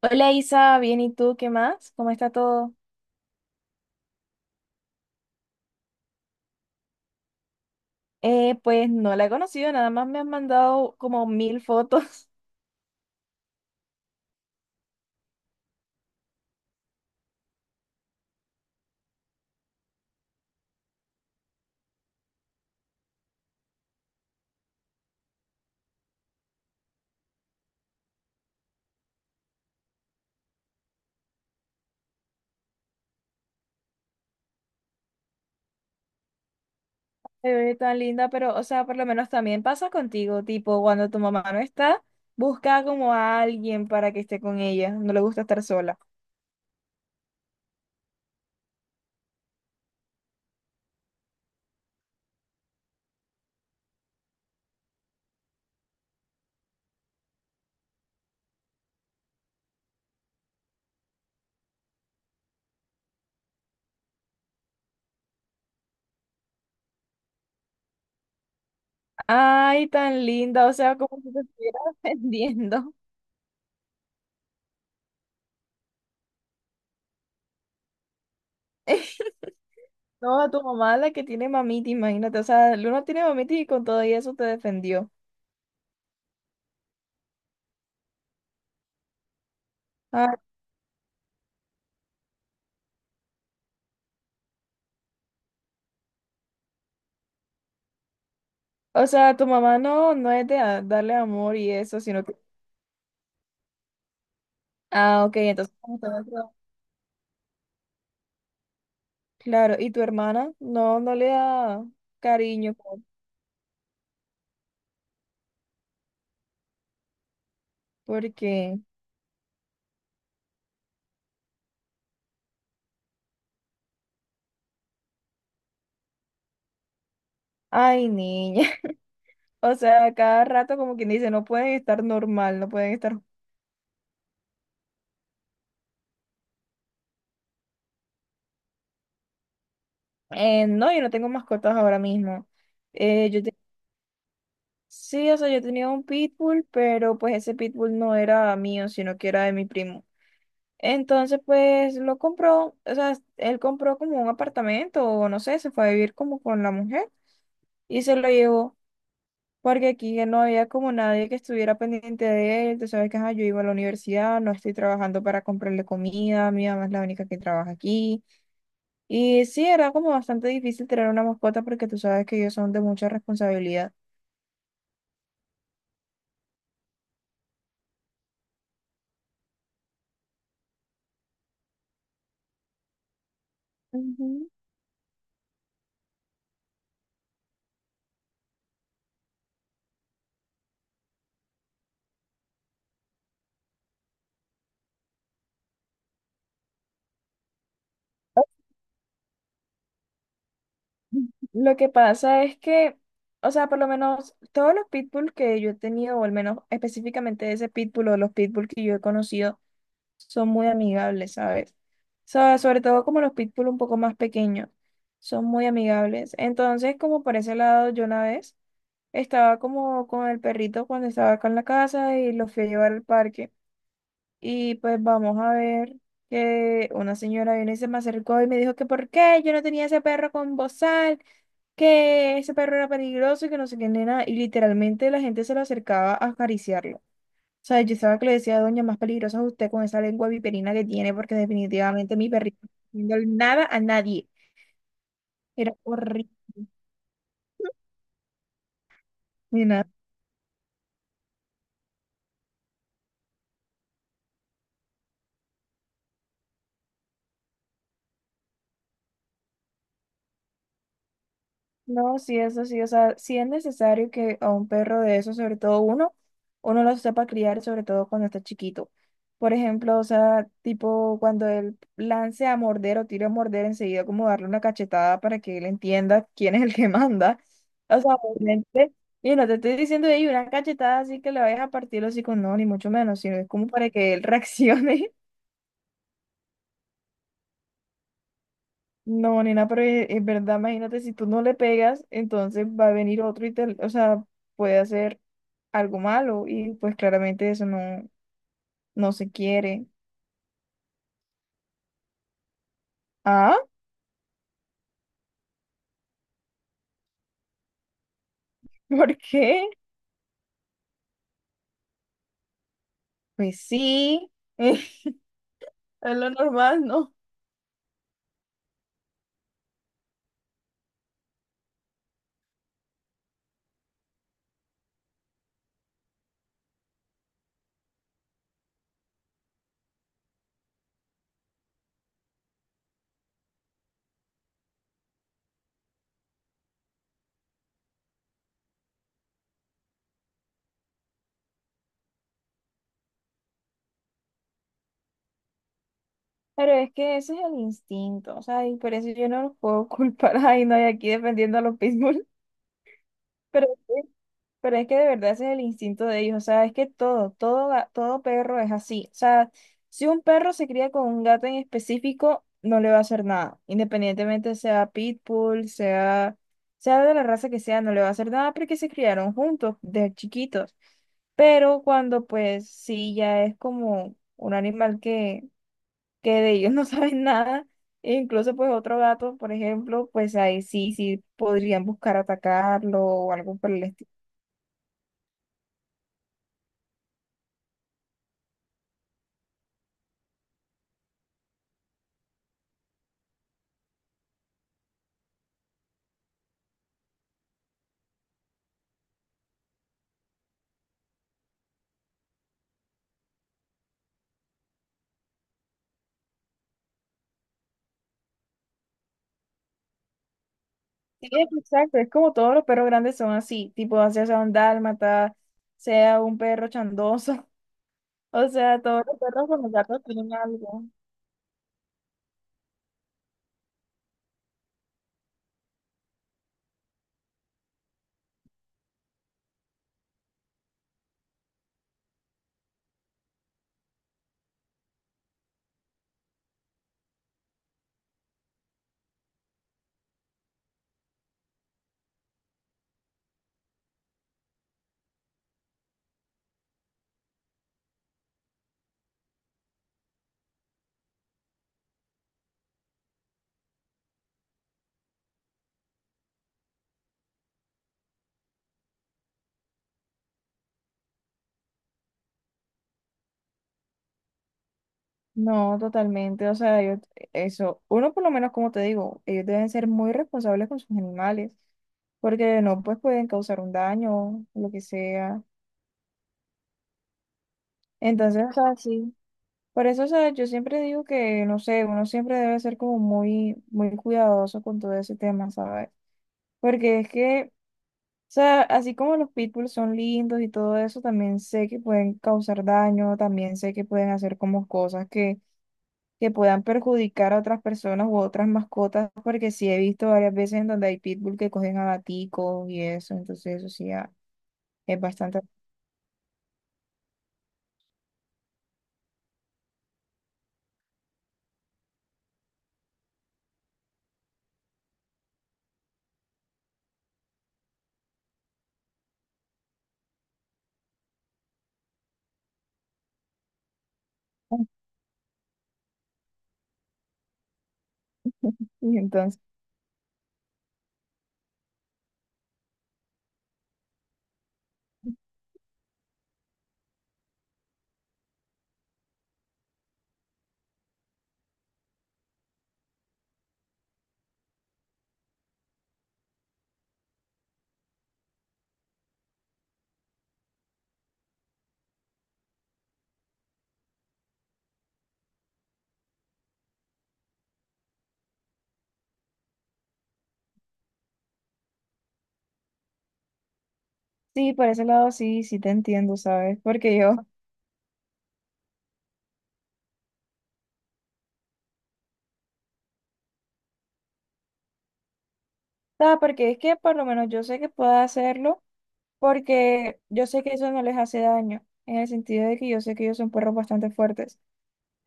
Hola Isa, bien, ¿y tú qué más? ¿Cómo está todo? Pues no la he conocido, nada más me han mandado como mil fotos. Te ve tan linda, pero o sea, por lo menos también pasa contigo, tipo, cuando tu mamá no está, busca como a alguien para que esté con ella, no le gusta estar sola. Ay, tan linda, o sea, como si te estuviera vendiendo. No, a tu mamá la que tiene mamita, imagínate, o sea, Luna tiene mamita y con todo y eso te defendió. Ah, o sea, tu mamá no es de darle amor y eso, sino. Ah, ok, entonces como todo claro, ¿y tu hermana? No, no le da cariño porque, ay, niña. O sea, cada rato como quien dice, no pueden estar normal, no pueden estar. No, yo no tengo mascotas ahora mismo. Eh, yo te- Sí, o sea, yo tenía un pitbull, pero pues ese pitbull no era mío, sino que era de mi primo. Entonces, pues lo compró, o sea, él compró como un apartamento, o no sé, se fue a vivir como con la mujer y se lo llevó. Porque aquí ya no había como nadie que estuviera pendiente de él. Tú sabes que ajá, yo iba a la universidad, no estoy trabajando para comprarle comida, mi mamá es la única que trabaja aquí. Y sí, era como bastante difícil tener una mascota porque tú sabes que ellos son de mucha responsabilidad. Ujú. Lo que pasa es que, o sea, por lo menos todos los pitbull que yo he tenido, o al menos específicamente ese pitbull o los pitbull que yo he conocido, son muy amigables, ¿sabes? Sobre todo como los pitbull un poco más pequeños, son muy amigables. Entonces, como por ese lado, yo una vez estaba como con el perrito cuando estaba acá en la casa y lo fui a llevar al parque. Y pues vamos a ver que una señora vino y se me acercó y me dijo que por qué yo no tenía ese perro con bozal, que ese perro era peligroso y que no sé qué nena. Y literalmente la gente se lo acercaba a acariciarlo. O sea, yo estaba que le decía, a doña, más peligrosa es usted con esa lengua viperina que tiene, porque definitivamente mi perrito no está haciendo nada a nadie. Era horrible. No, sí, eso sí, o sea, sí es necesario que a un perro de eso, sobre todo uno, uno lo sepa criar, sobre todo cuando está chiquito. Por ejemplo, o sea, tipo cuando él lance a morder o tire a morder, enseguida como darle una cachetada para que él entienda quién es el que manda. O sea, obviamente, y no te estoy diciendo ahí una cachetada así que le vayas a partir los hocico, no, ni mucho menos, sino es como para que él reaccione. No, nena, pero es verdad, imagínate, si tú no le pegas, entonces va a venir otro y te, o sea, puede hacer algo malo y pues claramente eso no se quiere. ¿Ah? ¿Por qué? Pues sí, es lo normal, ¿no? Pero es que ese es el instinto, o sea, y por eso yo no los puedo culpar. Ay, no, y aquí defendiendo a los pitbull, pero sí. Pero es que de verdad ese es el instinto de ellos, o sea, es que todo, todo, todo perro es así. O sea, si un perro se cría con un gato en específico, no le va a hacer nada. Independientemente sea pitbull, sea de la raza que sea, no le va a hacer nada porque se criaron juntos, de chiquitos. Pero cuando pues sí, ya es como un animal que de ellos no saben nada, e incluso pues otro gato, por ejemplo, pues ahí sí, sí podrían buscar atacarlo o algo por el estilo. Sí, exacto, es como todos los perros grandes son así, tipo, ya sea un dálmata, sea un perro chandoso, o sea, todos los perros con los gatos tienen algo. No, totalmente, o sea, yo, eso, uno por lo menos, como te digo, ellos deben ser muy responsables con sus animales, porque no, pues pueden causar un daño, lo que sea. Entonces, o sea, sí, por eso, o sea, yo siempre digo que, no sé, uno siempre debe ser como muy, muy cuidadoso con todo ese tema, ¿sabes? Porque es que... O sea, así como los pitbulls son lindos y todo eso, también sé que pueden causar daño, también sé que pueden hacer como cosas que puedan perjudicar a otras personas u otras mascotas, porque sí he visto varias veces en donde hay pitbull que cogen a gaticos y eso, entonces eso sí ah, es bastante... Y entonces, sí, por ese lado sí, sí te entiendo, ¿sabes? Porque yo, ah, porque es que por lo menos yo sé que puedo hacerlo, porque yo sé que eso no les hace daño, en el sentido de que yo sé que ellos son perros bastante fuertes.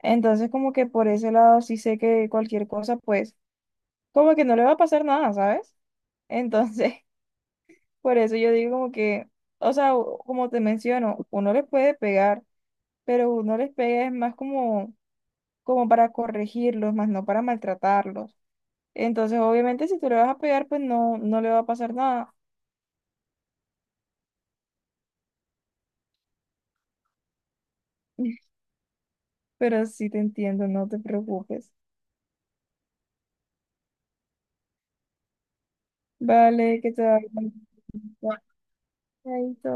Entonces, como que por ese lado sí sé que cualquier cosa, pues, como que no le va a pasar nada, ¿sabes? Entonces, por eso yo digo como que, o sea, como te menciono, uno les puede pegar, pero uno les pega es más como, como para corregirlos, más no para maltratarlos. Entonces, obviamente, si tú le vas a pegar, pues no, no le va a pasar nada. Pero sí te entiendo, no te preocupes. Vale, que te vaya va a